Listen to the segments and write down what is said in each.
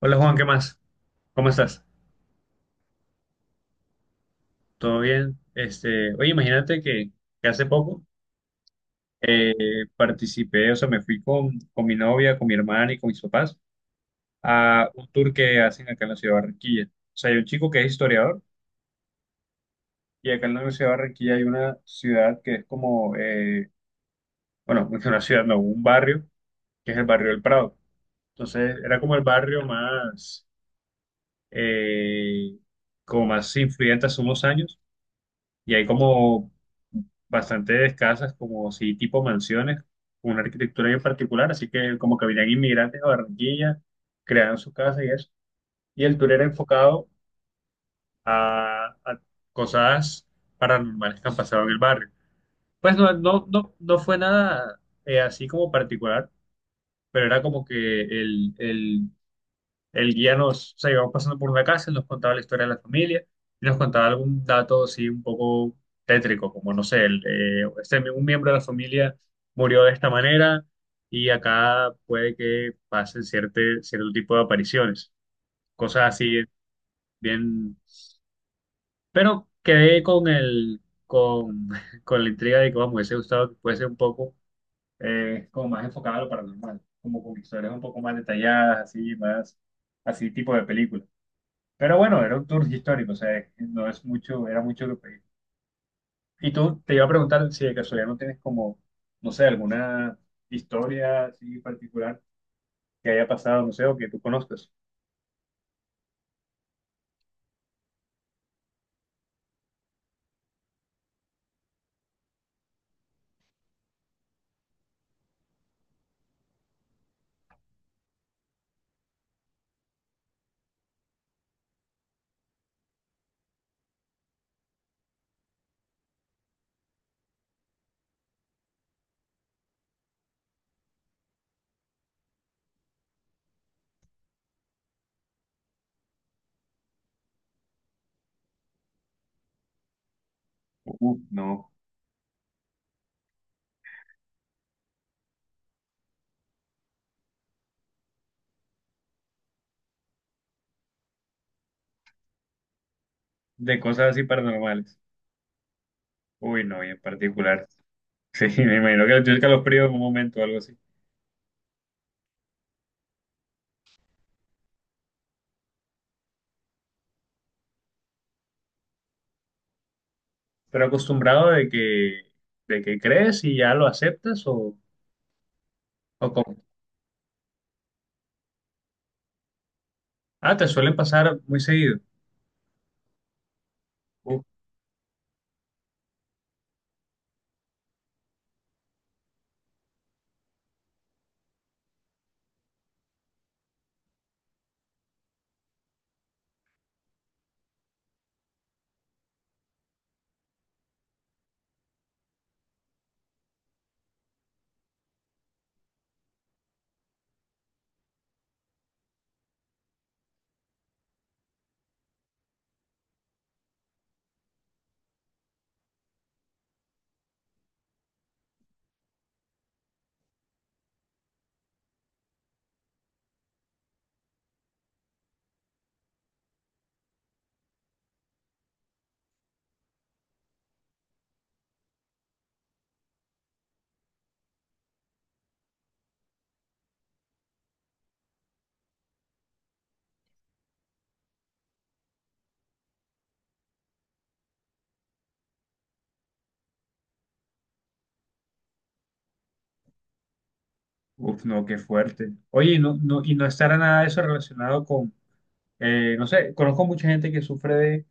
Hola Juan, ¿qué más? ¿Cómo estás? ¿Todo bien? Este, oye, imagínate que hace poco eh, participé, o sea, me fui con mi novia, con mi hermana y con mis papás a un tour que hacen acá en la ciudad de Barranquilla. O sea, hay un chico que es historiador y acá en la ciudad de Barranquilla hay una ciudad que es como, bueno, no es una ciudad, no, un barrio, que es el barrio del Prado. Entonces, era como el barrio más, eh, como más influyente hace unos años y hay como bastante escasas, como si tipo mansiones, con una arquitectura bien particular, así que como que venían inmigrantes a Barranquilla, crearon su casa y eso. Y el tour era enfocado a cosas paranormales que han pasado en el barrio. Pues no, no fue nada así como particular, pero era como que el guía nos, o sea, íbamos pasando por una casa, nos contaba la historia de la familia y nos contaba algún dato así un poco tétrico, como no sé, el, un miembro de la familia murió de esta manera y acá puede que pasen cierto tipo de apariciones, cosas así bien. Pero quedé con el, con, con la intriga de que, vamos, me hubiese gustado que fuese un poco como más enfocado a lo paranormal, como con historias un poco más detalladas, así, más, así tipo de película. Pero bueno, era un tour histórico, o sea, no es mucho, era mucho lo que pedí. Y tú te iba a preguntar si de casualidad no tienes como, no sé, alguna historia así particular que haya pasado, no sé, o que tú conozcas. Uf, no. De cosas así paranormales. Uy, no, y en particular. Sí, me imagino que le tienes que a los fríos en un momento o algo así. Pero acostumbrado de que crees y ya lo aceptas o cómo. Ah, te suelen pasar muy seguido. Uf, no, qué fuerte. Oye, y no, y no estará nada de eso relacionado con, no sé, conozco mucha gente que sufre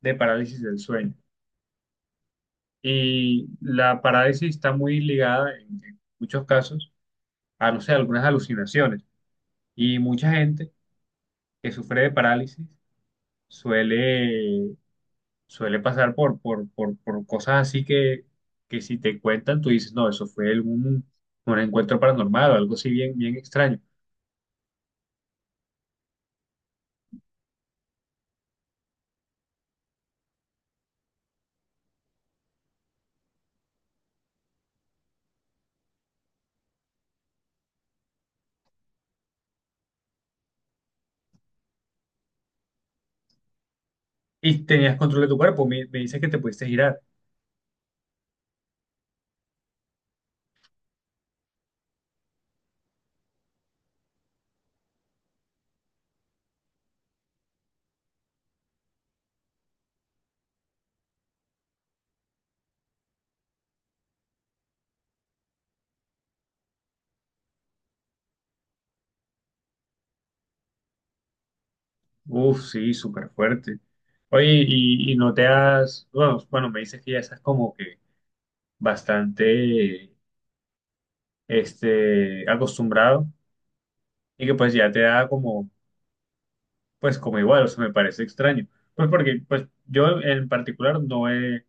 de parálisis del sueño. Y la parálisis está muy ligada, en muchos casos, a, no sé, algunas alucinaciones. Y mucha gente que sufre de parálisis suele, suele pasar por cosas así que si te cuentan, tú dices, no, eso fue algún, un encuentro paranormal o algo así bien extraño. Y tenías control de tu cuerpo, me dices que te pudiste girar. Uf, sí, súper fuerte. Oye, y no te has, bueno, me dices que ya estás como que bastante, este, acostumbrado y que pues ya te da como, pues como igual, o sea, me parece extraño. Pues porque, pues yo en particular no he,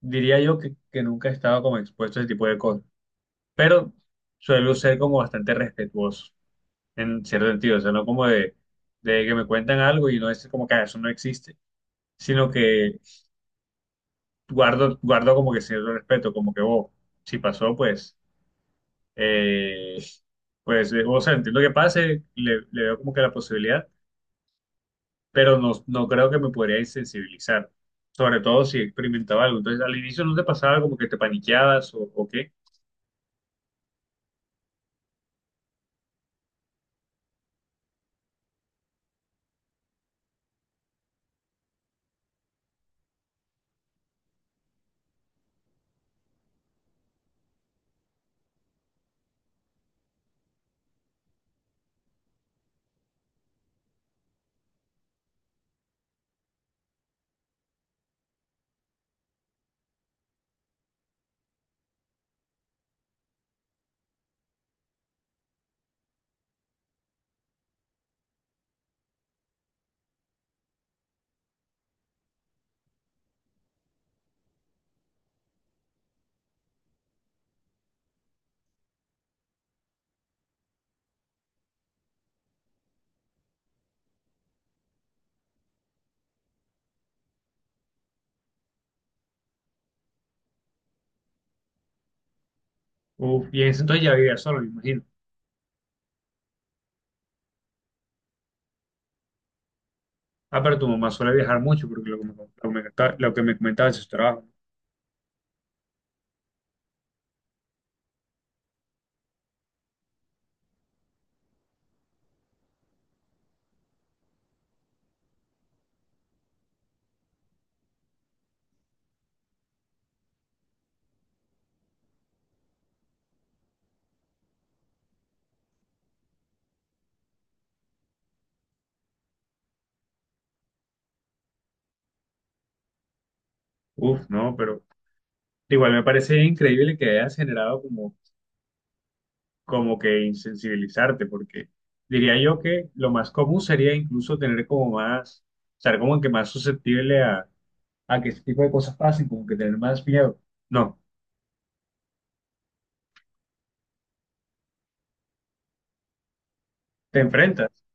diría yo que nunca he estado como expuesto a ese tipo de cosas, pero suelo ser como bastante respetuoso en cierto sentido, o sea, no como de que me cuentan algo y no es como que "Ah, eso no existe, sino que guardo, guardo como que cierto respeto, como que, oh, si pasó, pues, eh, o sea, entiendo que pase, le veo como que la posibilidad, pero no, no creo que me podría insensibilizar, sobre todo si experimentaba algo. Entonces, al inicio no te pasaba como que te paniqueabas o qué. Uf, y en ese entonces ya vivía solo, me imagino. Ah, pero tu mamá suele viajar mucho, porque lo que me, lo que me comentaba de sus trabajos. Uf, no, pero igual me parece increíble que hayas generado como como que insensibilizarte, porque diría yo que lo más común sería incluso tener como más, estar como que más susceptible a que este tipo de cosas pasen, como que tener más miedo. No, te enfrentas.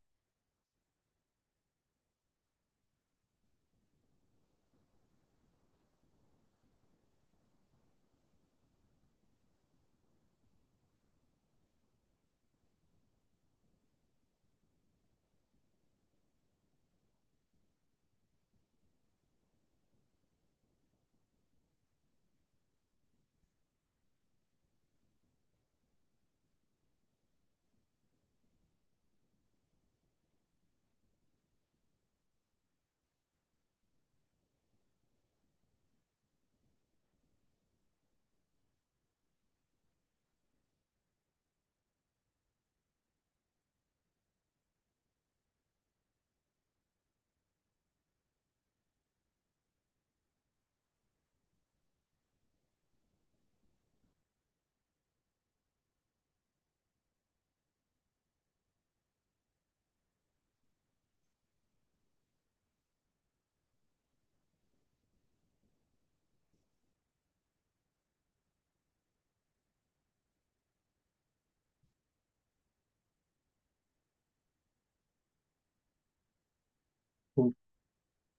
Uf,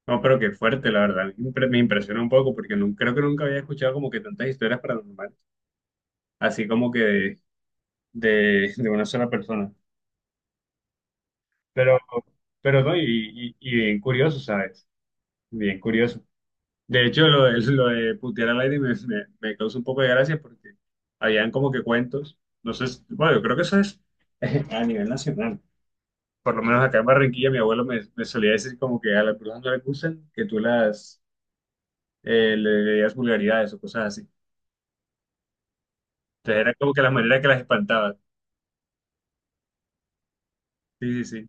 no, pero qué fuerte, la verdad. Me impresiona un poco porque creo que nunca había escuchado como que tantas historias paranormales, así como que de, de una sola persona. Pero, pero no, y bien curioso, ¿sabes? Bien curioso. De hecho, lo de putear al aire me causa un poco de gracia porque habían como que cuentos. No sé, bueno, yo creo que eso es a nivel nacional. Por lo menos acá en Barranquilla, mi abuelo me, me solía decir como que a las brujas no les gustan que tú las le digas vulgaridades o cosas así. Entonces era como que la manera que las espantaba. Sí, sí, sí.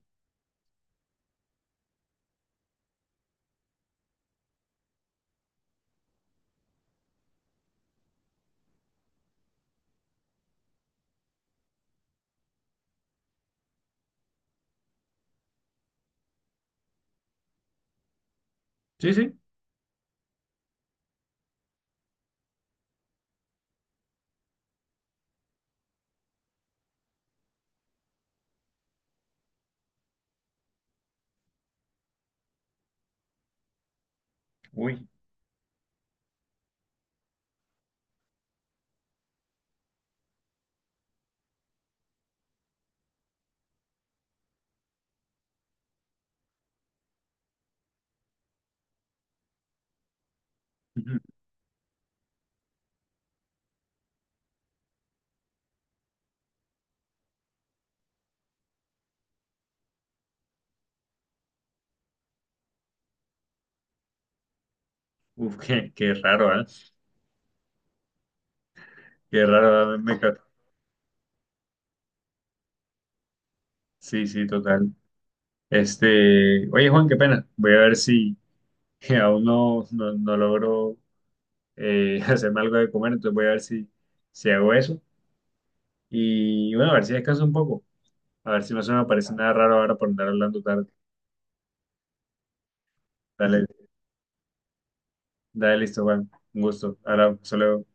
Sí, sí. Uy. Uf, qué raro, ¿eh? Qué raro, ¿eh? Me, me. Sí, sí, total. Este, oye, Juan, qué pena. Voy a ver si que aún no logro hacerme algo de comer, entonces voy a ver si, si hago eso. Y bueno, a ver si descanso un poco, a ver si no se me aparece nada raro ahora por andar hablando tarde. Dale, dale, listo, Juan. Un gusto. Ahora, hasta luego.